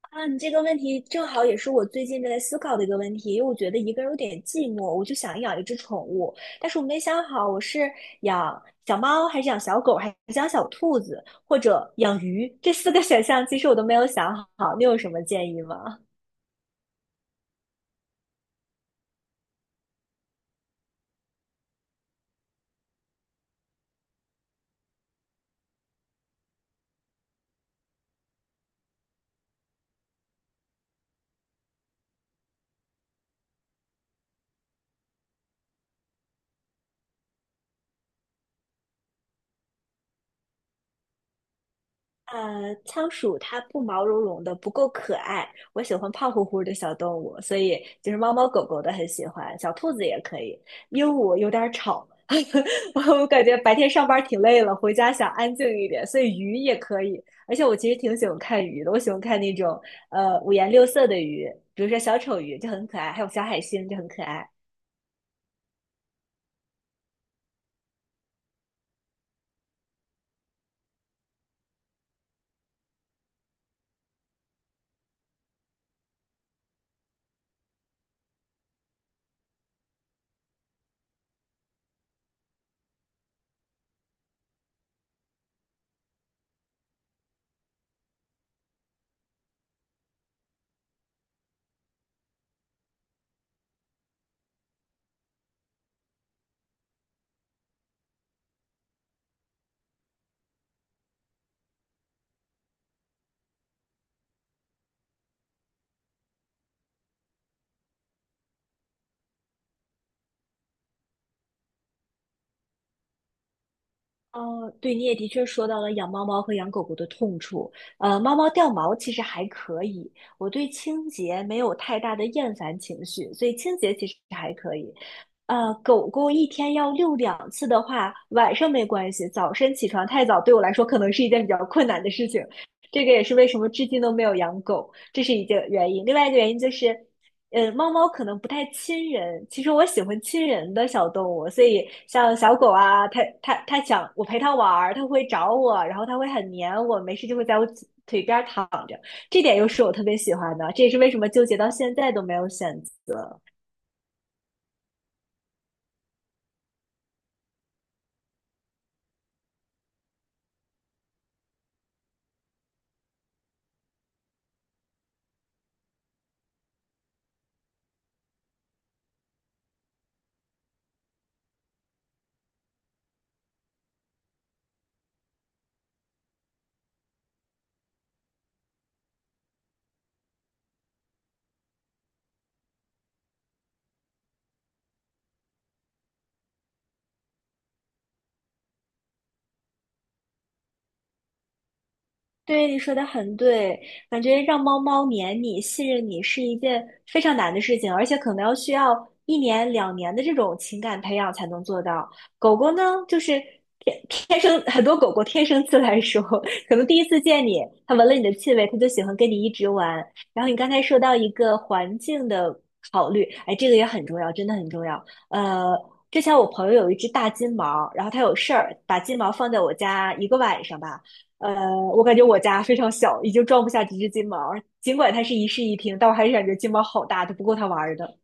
啊，你这个问题正好也是我最近正在思考的一个问题，因为我觉得一个人有点寂寞，我就想养一只宠物，但是我没想好我是养小猫还是养小狗，还是养小兔子，或者养鱼，这四个 选项其实我都没有想好，你有什么建议吗？仓鼠它不毛茸茸的，不够可爱。我喜欢胖乎乎的小动物，所以就是猫猫狗狗的很喜欢，小兔子也可以。鹦鹉有点儿吵，我感觉白天上班挺累了，回家想安静一点，所以鱼也可以。而且我其实挺喜欢看鱼的，我喜欢看那种五颜六色的鱼，比如说小丑鱼就很可爱，还有小海星就很可爱。哦，对，你也的确说到了养猫猫和养狗狗的痛处。猫猫掉毛其实还可以，我对清洁没有太大的厌烦情绪，所以清洁其实还可以。狗狗一天要遛两次的话，晚上没关系，早晨起床太早对我来说可能是一件比较困难的事情。这个也是为什么至今都没有养狗，这是一个原因。另外一个原因就是。猫猫可能不太亲人，其实我喜欢亲人的小动物，所以像小狗啊，它想我陪它玩儿，它会找我，然后它会很黏我，没事就会在我腿边儿躺着，这点又是我特别喜欢的，这也是为什么纠结到现在都没有选择。对，你说的很对，感觉让猫猫黏你、信任你是一件非常难的事情，而且可能要需要一年、两年的这种情感培养才能做到。狗狗呢，就是天天生很多狗狗天生自来熟，可能第一次见你，它闻了你的气味，它就喜欢跟你一直玩。然后你刚才说到一个环境的考虑，哎，这个也很重要，真的很重要。呃，之前我朋友有一只大金毛，然后它有事儿，把金毛放在我家一个晚上吧。呃，我感觉我家非常小，已经装不下几只金毛儿尽管它是一室一厅，但我还是感觉金毛好大，都不够它玩儿的。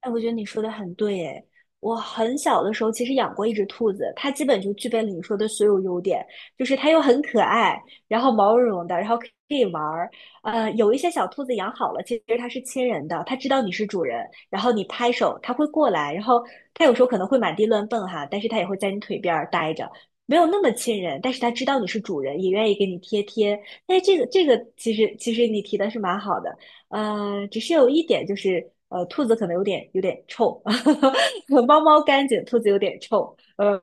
哎，我觉得你说的很对，哎，我很小的时候其实养过一只兔子，它基本就具备了你说的所有优点，就是它又很可爱，然后毛茸茸的，然后可以玩儿。有一些小兔子养好了，其实它是亲人的，它知道你是主人，然后你拍手，它会过来，然后它有时候可能会满地乱蹦哈，但是它也会在你腿边儿待着，没有那么亲人，但是它知道你是主人，也愿意给你贴贴。哎，这个其实你提的是蛮好的。只是有一点就是，兔子可能有点臭，猫猫干净，兔子有点臭，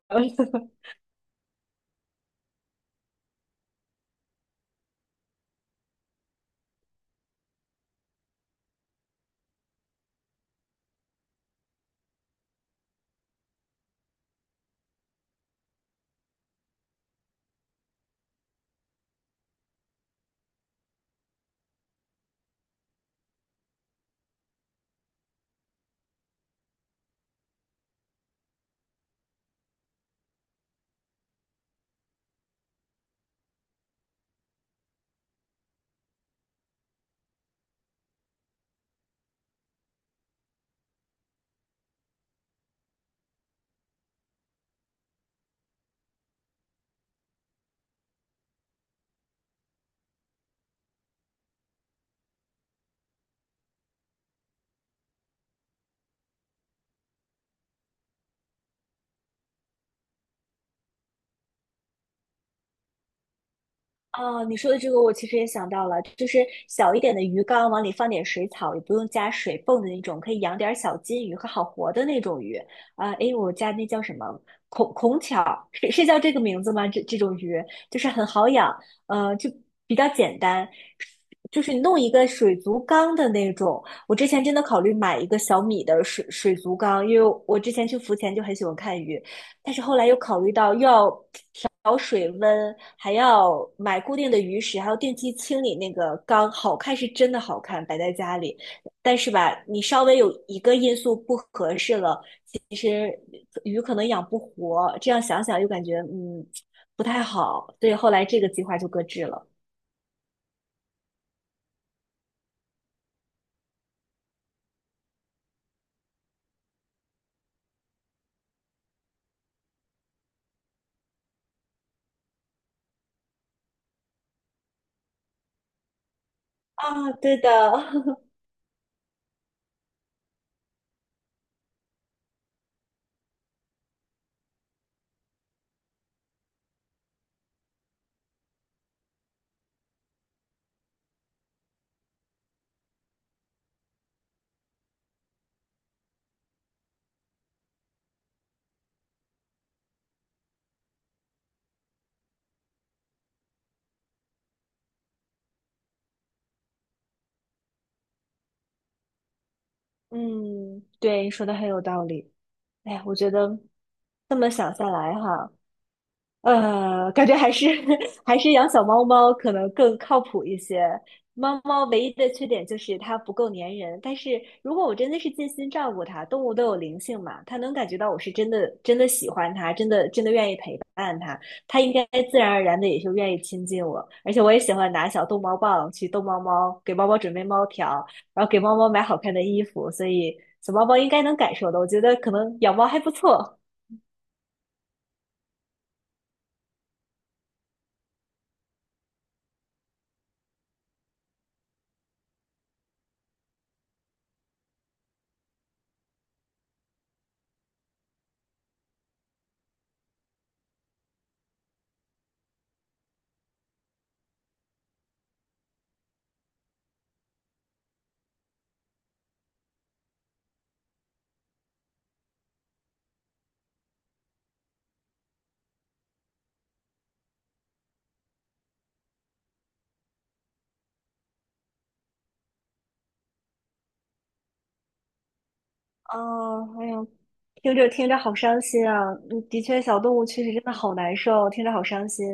哦，你说的这个我其实也想到了，就是小一点的鱼缸，往里放点水草，也不用加水泵的那种，可以养点小金鱼和好活的那种鱼。啊、诶，我家那叫什么孔孔巧，是是叫这个名字吗？这这种鱼就是很好养，就比较简单，就是你弄一个水族缸的那种。我之前真的考虑买一个小米的水族缸，因为我之前去浮潜就很喜欢看鱼，但是后来又考虑到又要。调水温，还要买固定的鱼食，还要定期清理那个缸。好看是真的好看，摆在家里，但是吧，你稍微有一个因素不合适了，其实鱼可能养不活。这样想想又感觉不太好，所以后来这个计划就搁置了。啊，对的，嗯，对，你说的很有道理。哎，我觉得这么想下来哈。感觉还是 还是养小猫猫可能更靠谱一些。猫猫唯一的缺点就是它不够粘人，但是如果我真的是尽心照顾它，动物都有灵性嘛，它能感觉到我是真的真的喜欢它，真的真的愿意陪伴它，它应该自然而然的也就愿意亲近我。而且我也喜欢拿小逗猫棒去逗猫猫，给猫猫准备猫条，然后给猫猫买好看的衣服，所以小猫猫应该能感受的。我觉得可能养猫还不错。哦，哎呀，听着听着好伤心啊！嗯的确，小动物确实真的好难受，听着好伤心。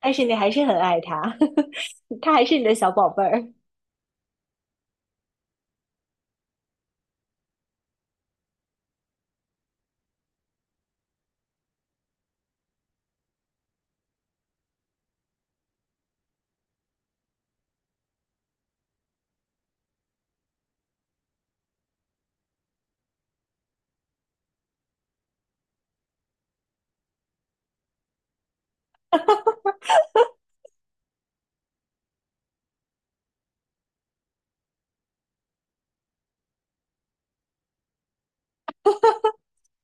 但是你还是很爱它，它还是你的小宝贝儿。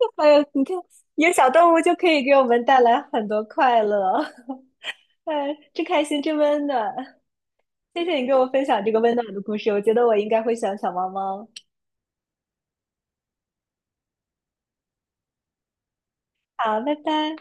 哎呦，你看，有小动物就可以给我们带来很多快乐。哎，真开心，真温暖。谢谢你给我分享这个温暖的故事，我觉得我应该会喜欢小猫猫。好，拜拜。